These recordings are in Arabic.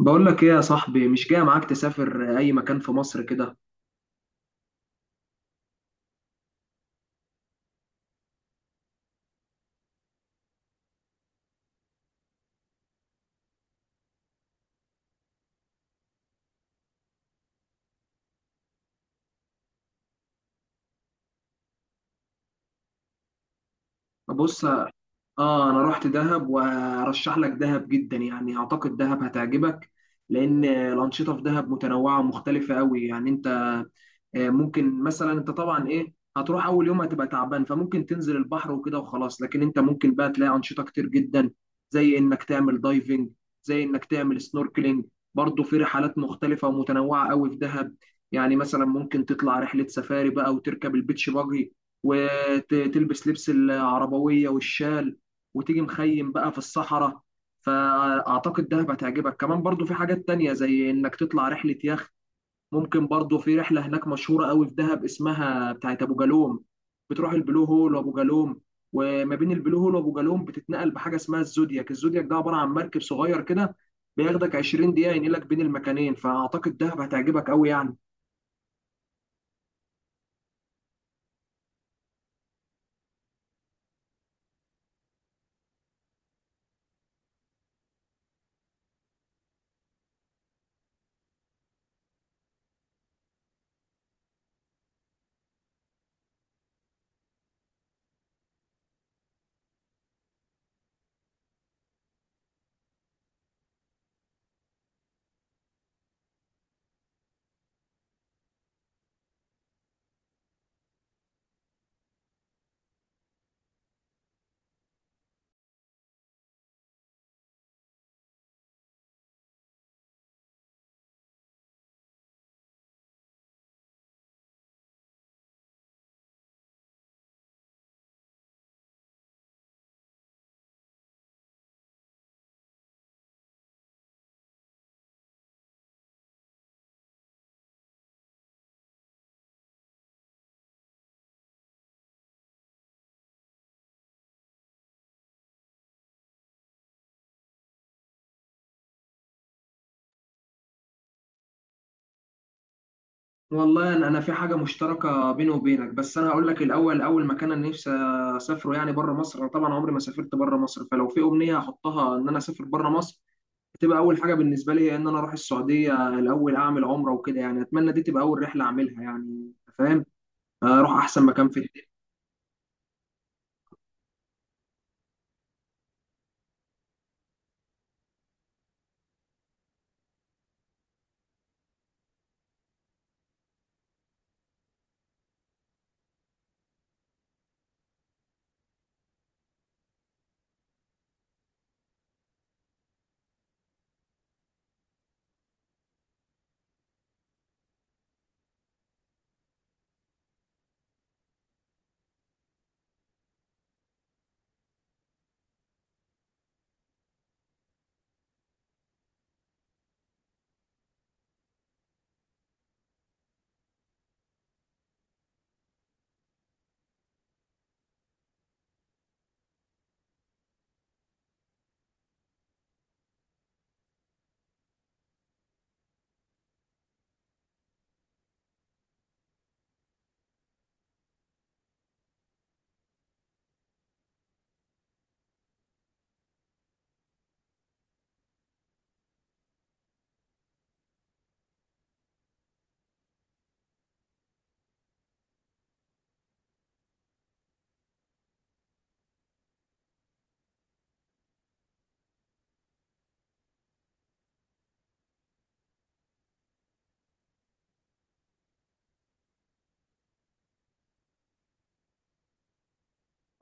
بقول لك ايه يا صاحبي؟ مش جاي معاك تسافر اي مكان في مصر كده؟ بص، اه انا رحت دهب وارشح لك دهب جدا يعني، اعتقد دهب هتعجبك لان الانشطه في دهب متنوعه ومختلفه قوي يعني. ممكن مثلا انت طبعا ايه، هتروح اول يوم هتبقى تعبان فممكن تنزل البحر وكده وخلاص، لكن انت ممكن بقى تلاقي انشطه كتير جدا، زي انك تعمل دايفنج، زي انك تعمل سنوركلينج. برضه في رحلات مختلفه ومتنوعه قوي في دهب، يعني مثلا ممكن تطلع رحله سفاري بقى وتركب البيتش باجي، وتلبس لبس العربويه والشال، وتيجي مخيم بقى في الصحراء. فاعتقد دهب هتعجبك. كمان برضه في حاجات تانية، زي انك تطلع رحله يخت. ممكن برضو في رحله هناك مشهوره قوي في دهب اسمها بتاعت ابو جالوم، بتروح البلو هول وابو جالوم. وما بين البلو هول وابو جالوم بتتنقل بحاجه اسمها الزودياك، الزودياك ده عباره عن مركب صغير كده، بياخدك 20 دقيقه ينقلك بين المكانين. فاعتقد دهب هتعجبك قوي يعني. والله انا، في حاجه مشتركه بيني وبينك، بس انا هقول لك الاول. اول مكان انا نفسي اسافره يعني بره مصر، انا طبعا عمري ما سافرت بره مصر، فلو في امنيه هحطها ان انا اسافر بره مصر، هتبقى اول حاجه بالنسبه لي ان انا اروح السعوديه الاول اعمل عمره وكده يعني. اتمنى دي تبقى اول رحله اعملها يعني، أنت فاهم؟ اروح احسن مكان في الدنيا.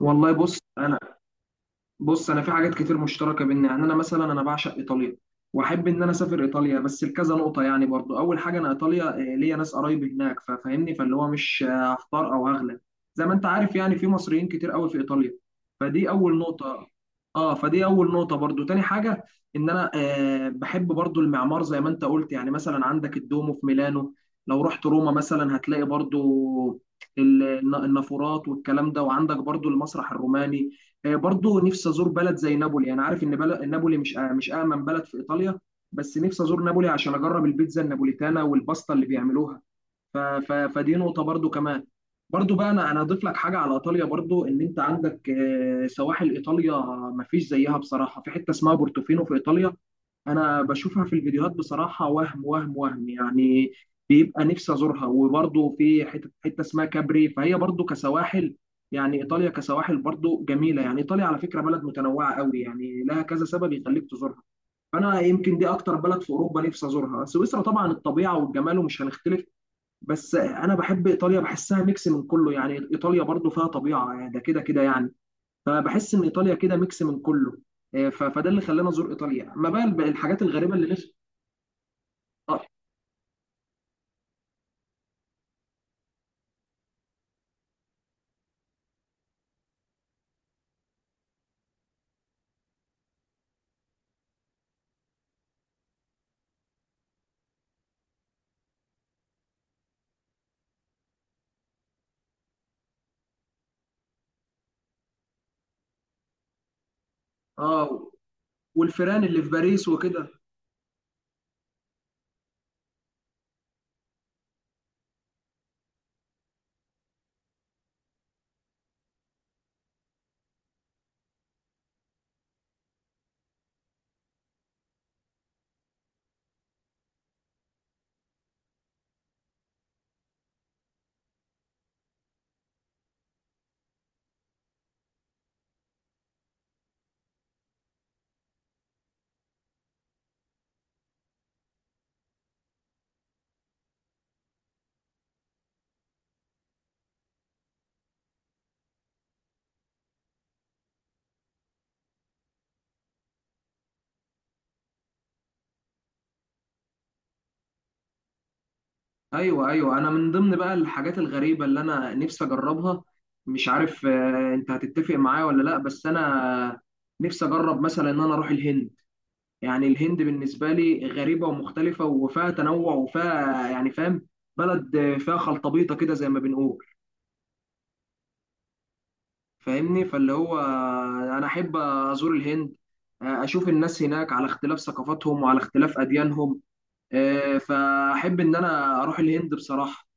والله، بص، انا في حاجات كتير مشتركه بينا يعني، انا مثلا، انا بعشق ايطاليا، واحب ان انا اسافر ايطاليا بس لكذا نقطه يعني. برضو اول حاجه، انا ايطاليا ليا ناس قرايب هناك، ففاهمني فاللي هو مش هختار او هغلب، زي ما انت عارف يعني في مصريين كتير قوي في ايطاليا، فدي اول نقطه. اه، فدي اول نقطه برضو. تاني حاجه، ان انا بحب برضو المعمار زي ما انت قلت، يعني مثلا عندك الدومو في ميلانو، لو رحت روما مثلا هتلاقي برضو النافورات والكلام ده، وعندك برضو المسرح الروماني. برضو نفسي ازور بلد زي نابولي، انا عارف ان بلد نابولي مش مش امن بلد في ايطاليا، بس نفسي ازور نابولي عشان اجرب البيتزا النابوليتانا والباستا اللي بيعملوها. فدي نقطة برضو كمان. برضو بقى، انا اضيف لك حاجة على ايطاليا، برضو ان انت عندك سواحل ايطاليا مفيش زيها بصراحة. في حتة اسمها بورتوفينو في ايطاليا، انا بشوفها في الفيديوهات بصراحه، وهم يعني، بيبقى نفسي ازورها. وبرضه في حته حته اسمها كابري، فهي برضه كسواحل يعني. ايطاليا كسواحل برضه جميله، يعني ايطاليا على فكره بلد متنوعه قوي يعني، لها كذا سبب يخليك تزورها. فانا يمكن دي اكتر بلد في اوروبا نفسي ازورها. سويسرا طبعا الطبيعه والجمال ومش هنختلف، بس انا بحب ايطاليا، بحسها ميكس من كله يعني. ايطاليا برضه فيها طبيعه، يعني ده كده كده يعني، فبحس ان ايطاليا كده ميكس من كله. فده اللي خلاني ازور ايطاليا، ما بقى الحاجات الغريبه اللي نفسي. اه. آه، والفيران اللي في باريس وكده. ايوه، ايوه، انا من ضمن بقى الحاجات الغريبه اللي انا نفسي اجربها، مش عارف انت هتتفق معايا ولا لا، بس انا نفسي اجرب مثلا ان انا اروح الهند. يعني الهند بالنسبه لي غريبه ومختلفه وفيها تنوع وفيها يعني، فاهم؟ بلد فيها خلطبيطه كده زي ما بنقول، فاهمني فاللي هو انا احب ازور الهند. اشوف الناس هناك على اختلاف ثقافاتهم وعلى اختلاف اديانهم. فاحب ان انا اروح الهند بصراحة.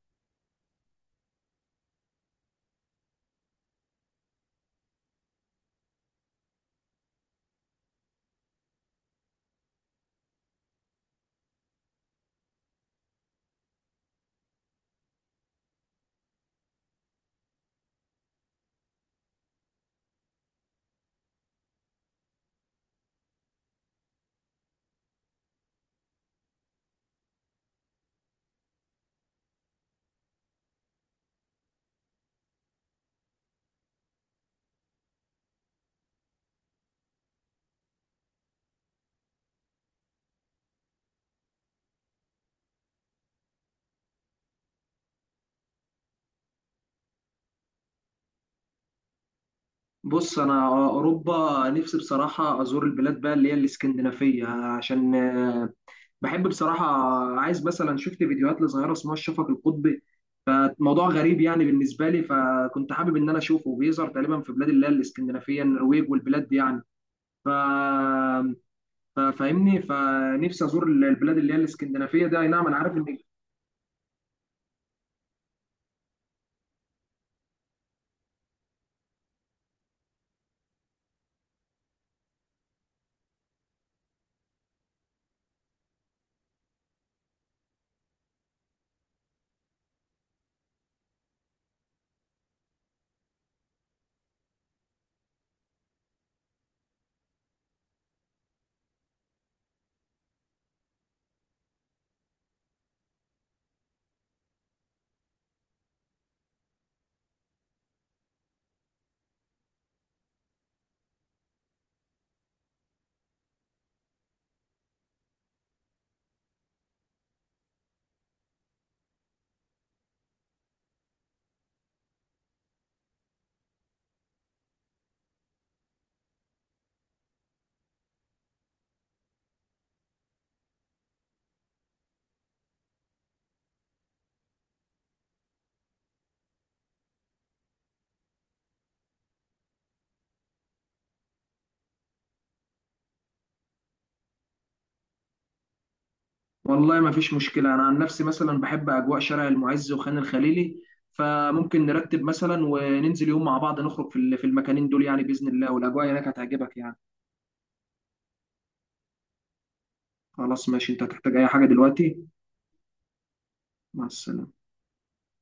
بص، انا اوروبا نفسي بصراحة ازور البلاد بقى اللي هي الاسكندنافية، عشان بحب بصراحة. عايز مثلا، شفت فيديوهات لظاهرة اسمها الشفق القطبي، فموضوع غريب يعني بالنسبة لي، فكنت حابب ان انا اشوفه. بيظهر تقريبا في بلاد اللي هي الاسكندنافية، النرويج والبلاد دي يعني. ف فاهمني، فنفسي ازور البلاد اللي هي الاسكندنافيه ده. اي نعم انا عارف ان... والله ما فيش مشكله. انا عن نفسي مثلا بحب اجواء شارع المعز وخان الخليلي، فممكن نرتب مثلا وننزل يوم مع بعض، نخرج في في المكانين دول يعني باذن الله، والاجواء هناك هتعجبك يعني. خلاص، ماشي. انت هتحتاج اي حاجه دلوقتي؟ مع السلامه.